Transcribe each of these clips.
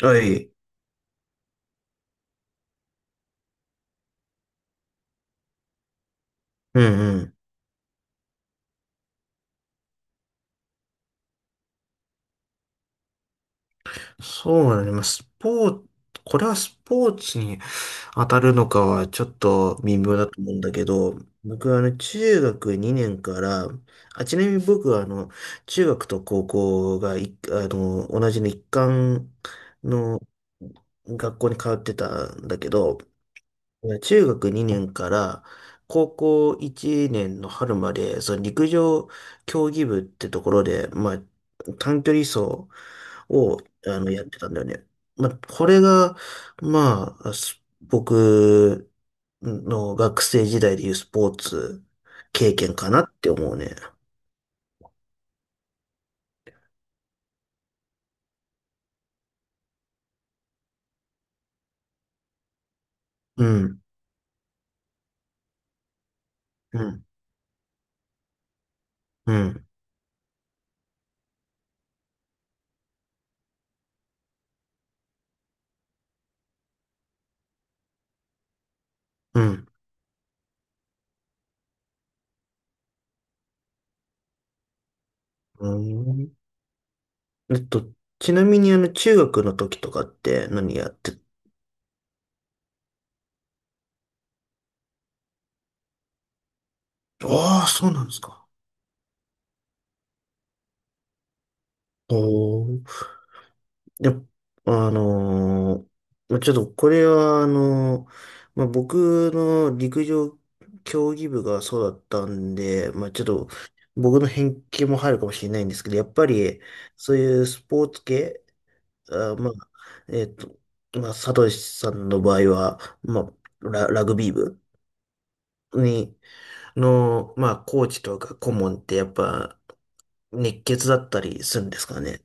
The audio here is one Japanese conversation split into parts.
はい。うんうん。そうだね。まあ、スポーツ、これはスポーツに当たるのかはちょっと微妙だと思うんだけど、僕は中学2年から、あ、ちなみに僕は中学と高校がい、あの、同じの一貫の学校に通ってたんだけど、中学2年から高校1年の春まで、その陸上競技部ってところで、まあ、短距離走を、やってたんだよね。まあ、これが、まあ、僕の学生時代でいうスポーツ経験かなって思うね。うん、うん、うん、うん。うん、えっと、ちなみに中学の時とかって何やって、ああ、そうなんですか。おーいや、あのーまあちょっとこれは、まあ、僕の陸上競技部がそうだったんで、まあ、ちょっと僕の偏見も入るかもしれないんですけど、やっぱりそういうスポーツ系、あ、まあ、えっと、まあ、サトシさんの場合は、まあ、ラグビー部に、のまあ、コーチとか顧問ってやっぱ熱血だったりするんですかね。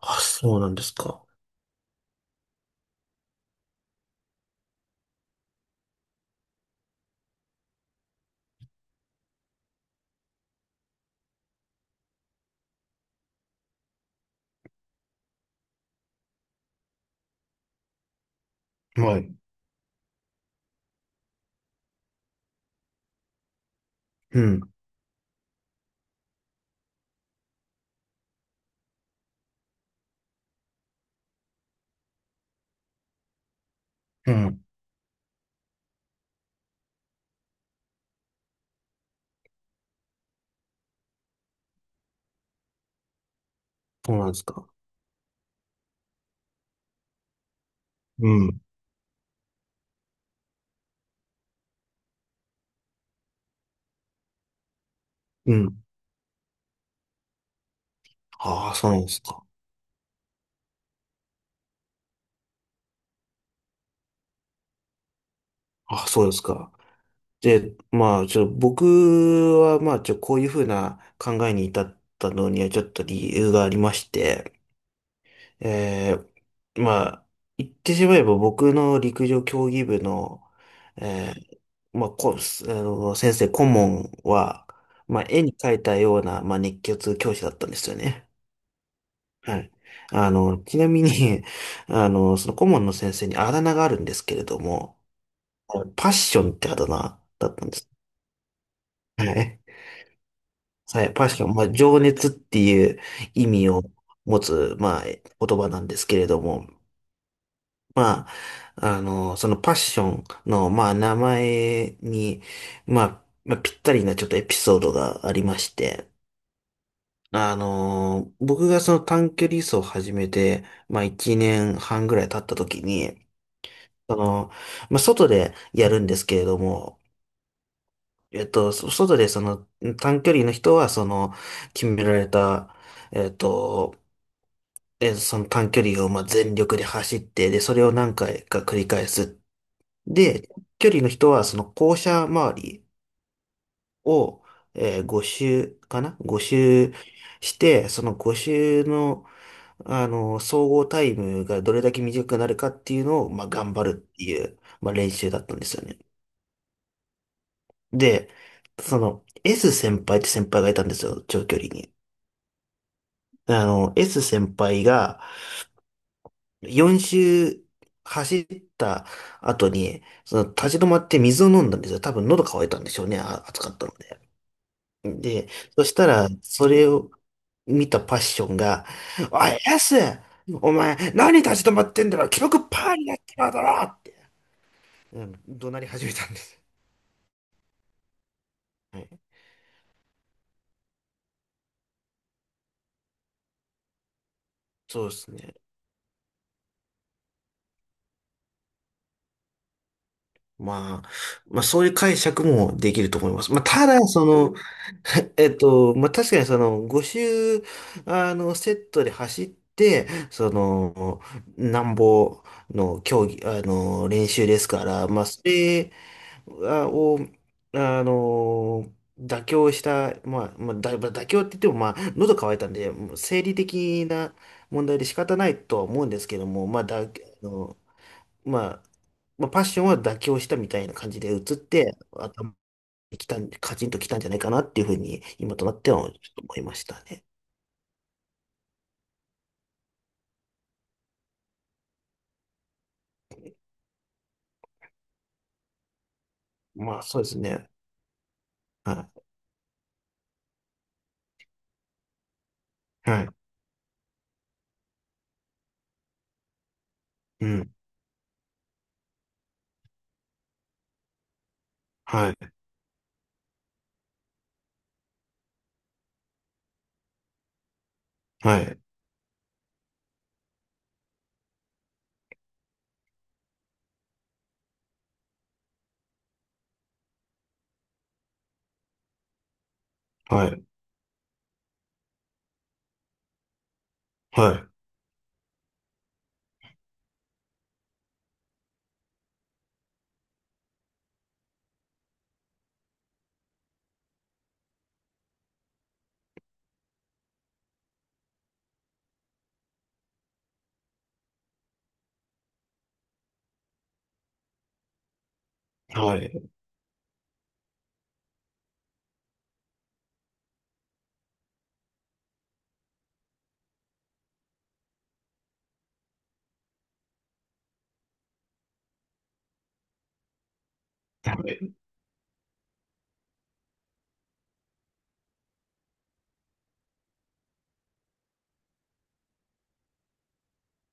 あ、そうなんですか。はい。うん。うん。そうなんですか。うん。うん。ああ、そうなんですか。ああ、そうですか。で、まあ、僕は、まあ、こういうふうな考えに至ったのには、ちょっと理由がありまして、えまあ、言ってしまえば、僕の陸上競技部の、えー、まあ、こ、あの、先生、顧問は、まあ、絵に描いたような、まあ、熱血教師だったんですよね。はい。ちなみに、その顧問の先生にあだ名があるんですけれども、パッションってあだ名だったんです。はい。はい、パッション、まあ、情熱っていう意味を持つ、まあ、言葉なんですけれども、まあ、そのパッションの、まあ、名前に、まあ、ぴったりなちょっとエピソードがありまして、僕がその短距離走を始めて、まあ、1年半ぐらい経った時に、その、まあ、外でやるんですけれども、外でその短距離の人は、その、決められた、えっと、その短距離をまあ全力で走って、で、それを何回か繰り返す。で、距離の人は、その校舎周りを、5周かな？ 5 周して、その5周の、総合タイムがどれだけ短くなるかっていうのを、まあ、頑張るっていう、まあ、練習だったんですよね。で、その、S 先輩って先輩がいたんですよ、長距離に。S 先輩が4周走った後に、その立ち止まって水を飲んだんですよ。多分喉乾いたんでしょうね、暑かったので。で、そしたら、それを見たパッションが、おい、S！ お前、何立ち止まってんだ、ろ記録パーになってるだろって、うん、怒鳴り始めたんです。はい、そうですね。まあ、まあそういう解釈もできると思います。まあただ、その、まあ確かにその5周、セットで走って、その、なんぼの競技、練習ですから、まあそれを、あの、妥協した、まあ、まあ、まあ妥協って言っても、まあ、喉乾いたんで、もう生理的な問題で仕方ないとは思うんですけども、まあ、のまあ、まあ、パッションは妥協したみたいな感じで移って、頭に来たん、カチンと来たんじゃないかなっていうふうに、今となってはちょっと思いましたね。まあ、そうですね。はい。はい。うん。はい。はい。はい。はい。はい。はい。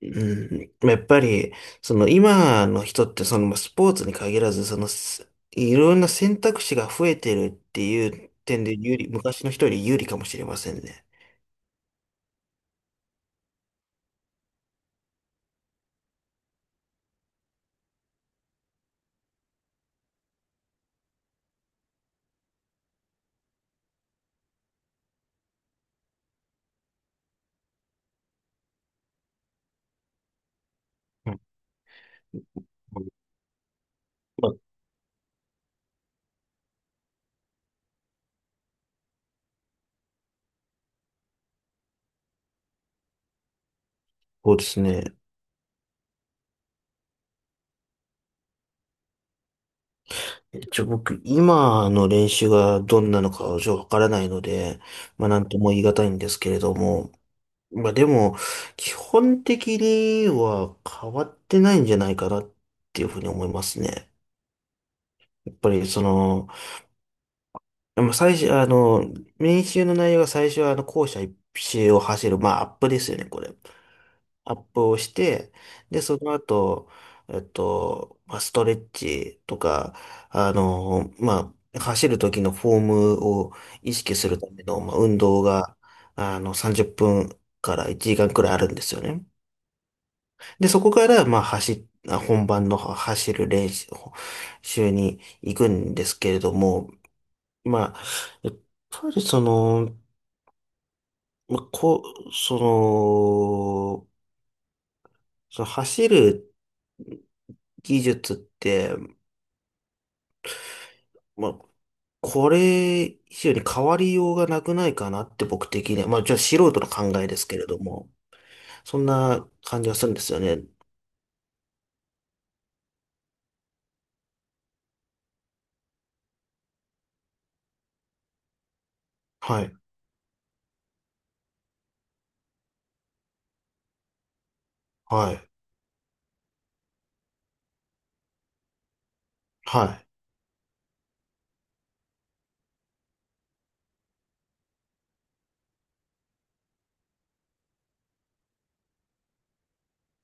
うん。まあやっぱり、その今の人って、そのまあスポーツに限らず、その、いろんな選択肢が増えてるっていう点で有利、昔の人より有利かもしれませんね。うん、まあそうですね。一応僕、今の練習がどんなのかはちょっとわからないので、まあなんとも言い難いんですけれども、まあでも、基本的には変わってないんじゃないかなっていうふうに思いますね。やっぱりその、まあ最初、練習の内容が最初は、校舎一周を走る、まあ、アップですよね、これ。アップをして、で、その後、まあ、ストレッチとか、まあ、走る時のフォームを意識するための、まあ、運動が、30分から1時間くらいあるんですよね。で、そこから、まあ、本番の走る練習に行くんですけれども、まあ、やっぱりその、まあ、こう、その走る技術って、まあ、これ以上に変わりようがなくないかなって僕的には、まあ、じゃあ素人の考えですけれども、そんな感じがするんですよね。はい、はい、はい、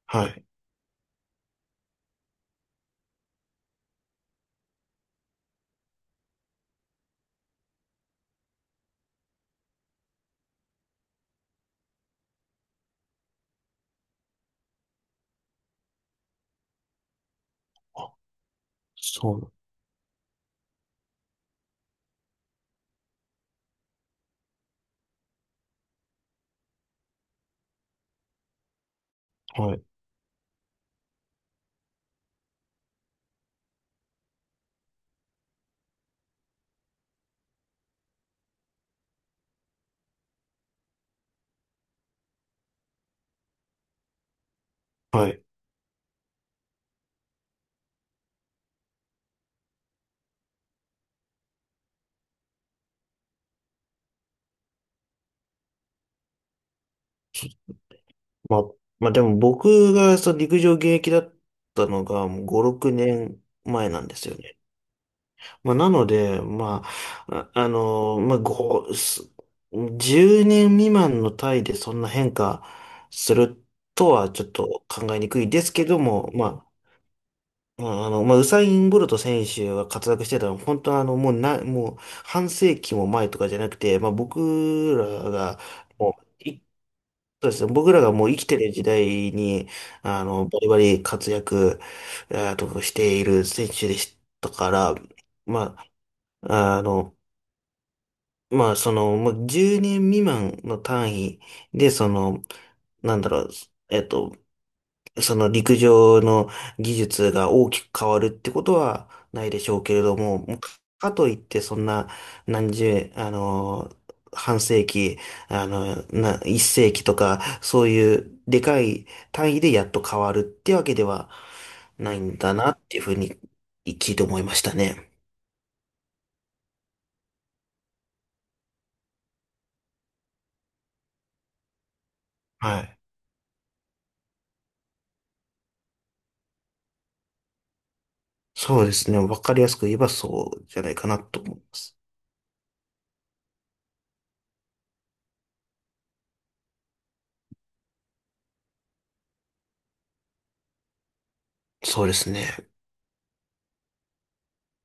はい。あ、そう、はい、はい。まあ、まあでも僕がその陸上現役だったのがもう5、6年前なんですよね。まあ、なので、まあ、まあ、10年未満の単位でそんな変化するとはちょっと考えにくいですけども、まあ、まあ、まあ、ウサイン・ボルト選手が活躍してたのは、本当はもう半世紀も前とかじゃなくて、まあ、僕らが、もう、い、そうですね、僕らがもう生きてる時代に、バリバリ活躍、している選手でしたから、まあ、まあ、その、もう10年未満の単位で、その、なんだろう、えっと、その陸上の技術が大きく変わるってことはないでしょうけれども、もうかといってそんな何十、あの、半世紀、一世紀とか、そういうでかい単位でやっと変わるってわけではないんだなっていうふうに聞いて思いましたね。はい。そうですね。わかりやすく言えばそうじゃないかなと思います。そうですね。